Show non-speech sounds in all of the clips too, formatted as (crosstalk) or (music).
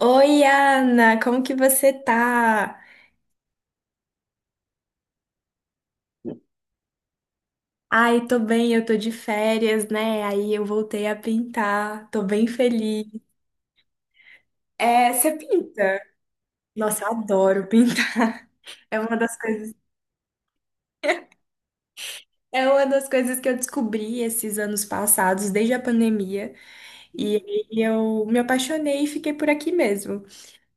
Oi, Ana, como que você tá? Ai, tô bem, eu tô de férias, né? Aí eu voltei a pintar, tô bem feliz. É, você pinta? Nossa, eu adoro pintar. (laughs) É uma das coisas, é uma das coisas que eu descobri esses anos passados, desde a pandemia, e aí eu me apaixonei e fiquei por aqui mesmo.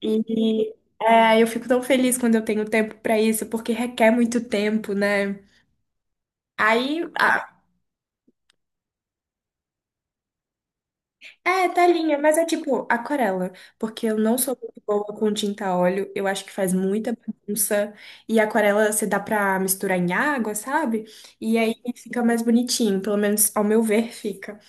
E é, eu fico tão feliz quando eu tenho tempo pra isso, porque requer muito tempo, né? Aí, é, telinha, mas é tipo aquarela, porque eu não sou muito boa com tinta a óleo, eu acho que faz muita bagunça, e aquarela você dá pra misturar em água, sabe? E aí fica mais bonitinho, pelo menos ao meu ver fica.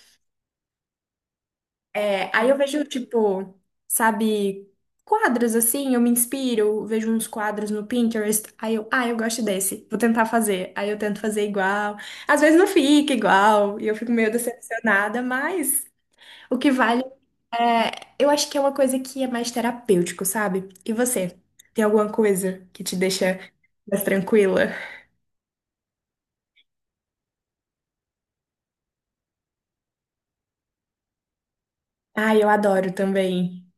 É, aí eu vejo, tipo, sabe, quadros assim, eu me inspiro, vejo uns quadros no Pinterest, aí eu, ah, eu gosto desse, vou tentar fazer. Aí eu tento fazer igual, às vezes não fica igual, e eu fico meio decepcionada, mas. O que vale é, eu acho que é uma coisa que é mais terapêutico, sabe? E você? Tem alguma coisa que te deixa mais tranquila? Ah, eu adoro também.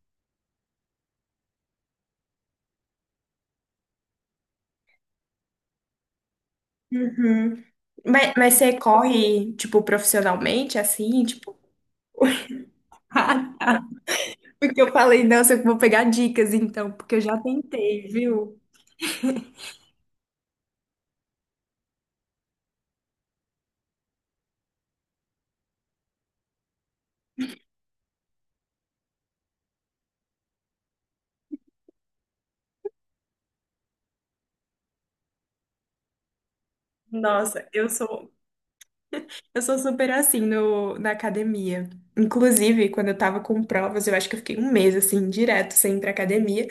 Uhum. Mas você corre, tipo, profissionalmente, assim, tipo. (laughs) Ah, tá. Porque eu falei, nossa, eu vou pegar dicas então, porque eu já tentei, viu? Nossa, eu sou super assim no, na academia. Inclusive, quando eu tava com provas, eu acho que eu fiquei um mês assim, direto, sem ir pra academia.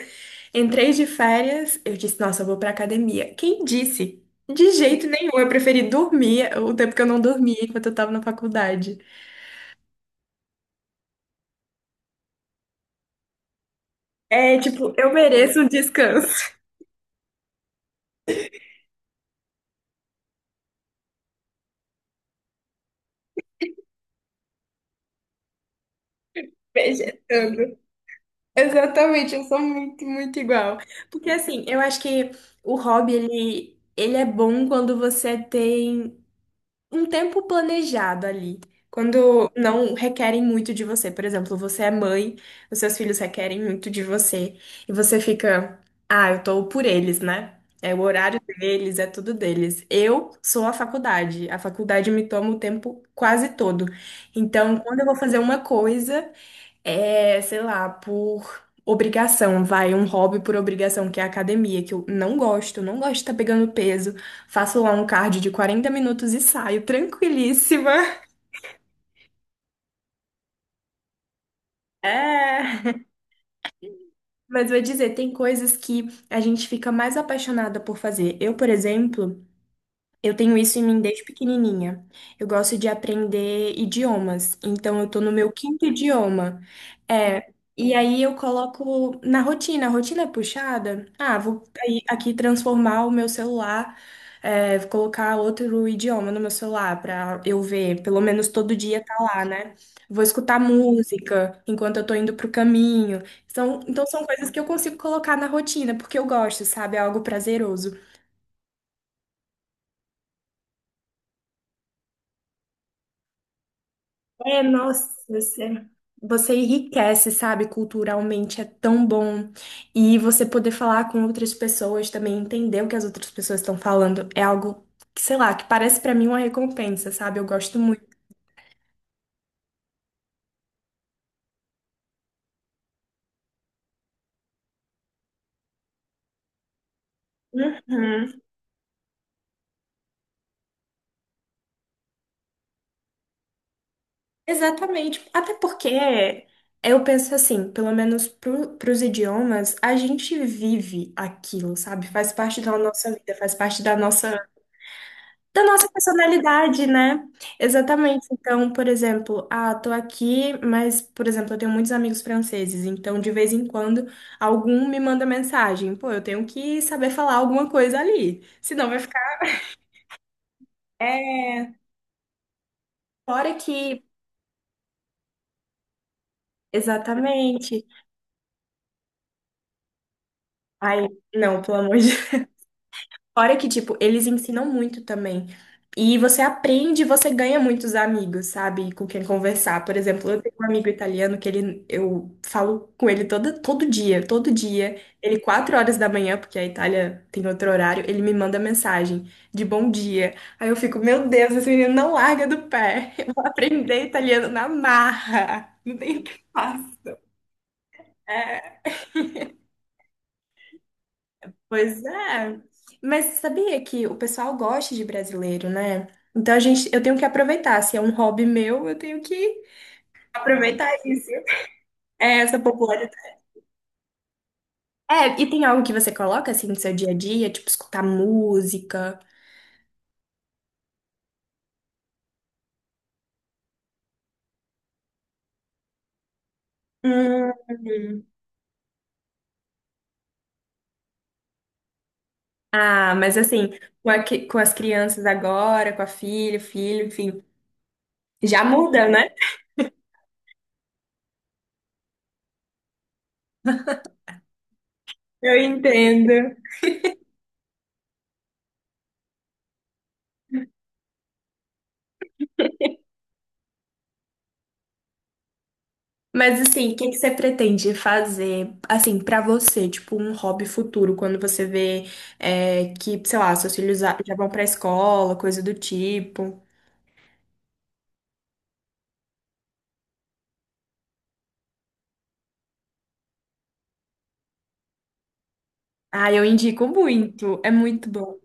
Entrei de férias, eu disse, nossa, eu vou pra academia. Quem disse? De jeito nenhum, eu preferi dormir o tempo que eu não dormia enquanto eu tava na faculdade. É, tipo, eu mereço um descanso. (laughs) Vegetando. Exatamente, eu sou muito, muito igual. Porque assim, eu acho que o hobby, ele é bom quando você tem um tempo planejado ali. Quando não requerem muito de você. Por exemplo, você é mãe, os seus filhos requerem muito de você. E você fica, ah, eu tô por eles, né? É o horário deles, é tudo deles. Eu sou a faculdade. A faculdade me toma o tempo quase todo. Então, quando eu vou fazer uma coisa. É, sei lá, por obrigação, vai, um hobby por obrigação, que é a academia, que eu não gosto, não gosto de estar pegando peso. Faço lá um cardio de 40 minutos e saio tranquilíssima. É. Mas vou dizer, tem coisas que a gente fica mais apaixonada por fazer. Eu, por exemplo, eu tenho isso em mim desde pequenininha. Eu gosto de aprender idiomas, então eu tô no meu quinto idioma. É, e aí eu coloco na rotina, a rotina é puxada. Ah, vou aí aqui transformar o meu celular, é, vou colocar outro idioma no meu celular pra eu ver, pelo menos todo dia tá lá, né? Vou escutar música enquanto eu tô indo pro caminho. São, então são coisas que eu consigo colocar na rotina, porque eu gosto, sabe? É algo prazeroso. É, nossa, você, você enriquece, sabe? Culturalmente é tão bom. E você poder falar com outras pessoas também, entender o que as outras pessoas estão falando, é algo que, sei lá, que parece pra mim uma recompensa, sabe? Eu gosto muito. Uhum. Exatamente. Até porque eu penso assim, pelo menos para os idiomas, a gente vive aquilo, sabe? Faz parte da nossa vida, faz parte da nossa da nossa personalidade, né? Exatamente. Então, por exemplo, ah, tô aqui, mas, por exemplo, eu tenho muitos amigos franceses, então de vez em quando algum me manda mensagem. Pô, eu tenho que saber falar alguma coisa ali, senão vai ficar. É, fora que. Exatamente. Ai, não, pelo amor de Fora que, tipo, eles ensinam muito também. E você aprende, você ganha muitos amigos, sabe? Com quem conversar. Por exemplo, eu tenho um amigo italiano que ele, eu falo com ele todo, todo dia, todo dia. Ele, 4 horas da manhã, porque a Itália tem outro horário, ele me manda mensagem de bom dia. Aí eu fico, meu Deus, esse menino não larga do pé. (laughs) Eu vou aprender italiano na marra. Não tem o que fazer. Pois é. Mas sabia que o pessoal gosta de brasileiro, né? Então a gente, eu tenho que aproveitar. Se é um hobby meu, eu tenho que aproveitar isso. É, essa popularidade. É, e tem algo que você coloca assim no seu dia a dia, tipo escutar música. Hum. Ah, mas assim, com as crianças agora, com a filha, filho, enfim, já muda, né? Eu entendo. Mas assim, o que que você pretende fazer, assim, pra você, tipo, um hobby futuro, quando você vê é, que, sei lá, seus filhos já já vão pra escola, coisa do tipo? Ah, eu indico muito, é muito bom.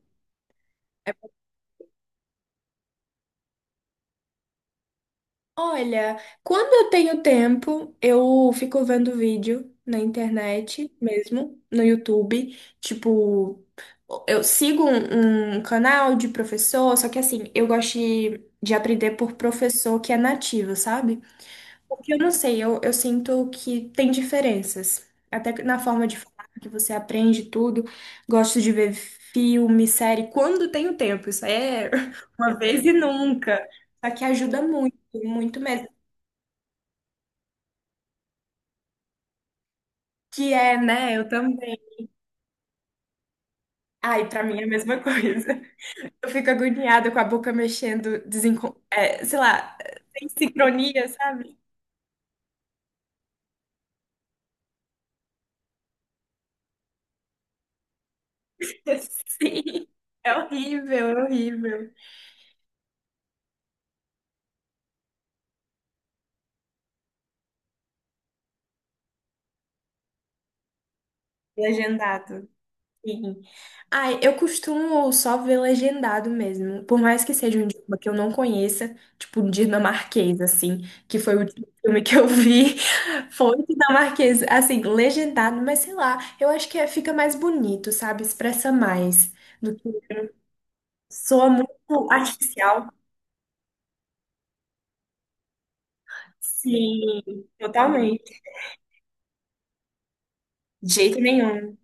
Olha, quando eu tenho tempo, eu fico vendo vídeo na internet mesmo, no YouTube. Tipo, eu sigo um canal de professor, só que assim, eu gosto de aprender por professor que é nativo, sabe? Porque eu não sei, eu sinto que tem diferenças. Até que na forma de falar, que você aprende tudo. Gosto de ver filme, série, quando tenho tempo. Isso aí é (laughs) uma vez e nunca. Só que ajuda muito, muito mesmo. Que é, né? Eu também. Ai, pra mim é a mesma coisa. (laughs) Eu fico agoniada com a boca mexendo, desencon... é, sei lá, sem sincronia, sabe? (laughs) Sim, é horrível, é horrível. E agendado. Sim. Ai, eu costumo só ver legendado mesmo, por mais que seja um idioma que eu não conheça, tipo um dinamarquês, assim, que foi o último filme que eu vi, (laughs) foi dinamarquês, assim, legendado, mas sei lá, eu acho que é- fica mais bonito, sabe? Expressa mais do que soa muito artificial. Sim, totalmente. De jeito nenhum.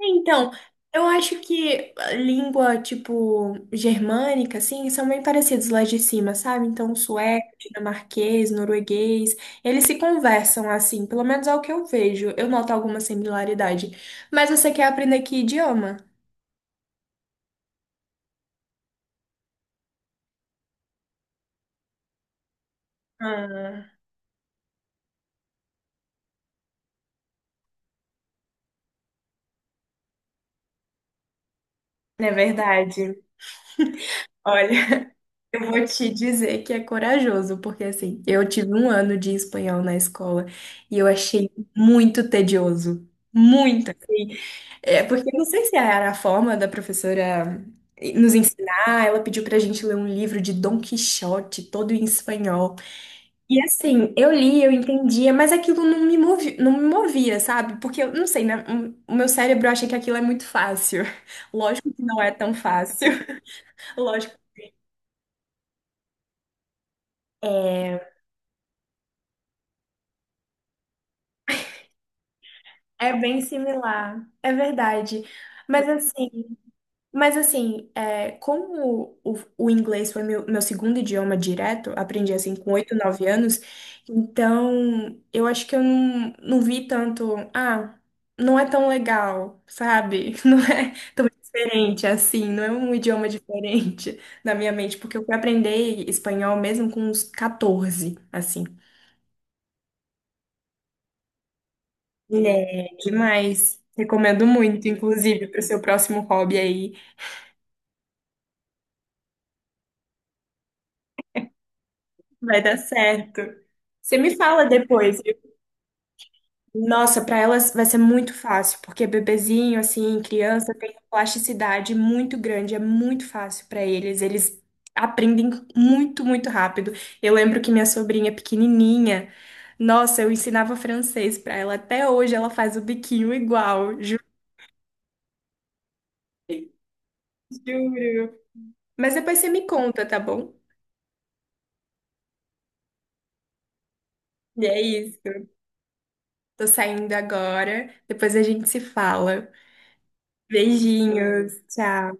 É, então, eu acho que a língua, tipo, germânica, assim, são bem parecidos lá de cima, sabe? Então, sueco, dinamarquês, norueguês, eles se conversam assim, pelo menos é o que eu vejo. Eu noto alguma similaridade. Mas você quer aprender que idioma? Ah, é verdade. (laughs) Olha. Eu vou te dizer que é corajoso, porque assim, eu tive um ano de espanhol na escola e eu achei muito tedioso. Muito, assim. É, porque eu não sei se era a forma da professora nos ensinar, ela pediu pra gente ler um livro de Dom Quixote, todo em espanhol. E assim, eu li, eu entendia, mas aquilo não me movia, sabe? Porque eu não sei, né? O meu cérebro acha que aquilo é muito fácil. (laughs) Lógico que não é tão fácil. (laughs) Lógico. É bem similar, é verdade. Mas assim, mas assim, é, como o inglês foi meu segundo idioma direto, aprendi assim com 8, 9 anos, então eu acho que eu não vi tanto, ah, não é tão legal, sabe? (laughs) Não é tão diferente assim, não é um idioma diferente (laughs) na minha mente, porque eu fui aprender espanhol mesmo com uns 14, assim. É, demais. Recomendo muito, inclusive, para o seu próximo hobby aí. Vai dar certo. Você me fala depois. Nossa, para elas vai ser muito fácil, porque bebezinho, assim, criança, tem uma plasticidade muito grande, é muito fácil para eles. Eles aprendem muito, muito rápido. Eu lembro que minha sobrinha pequenininha, nossa, eu ensinava francês para ela. Até hoje ela faz o biquinho igual, juro, juro. Mas depois você me conta, tá bom? E é isso. Tô saindo agora. Depois a gente se fala. Beijinhos. Tchau.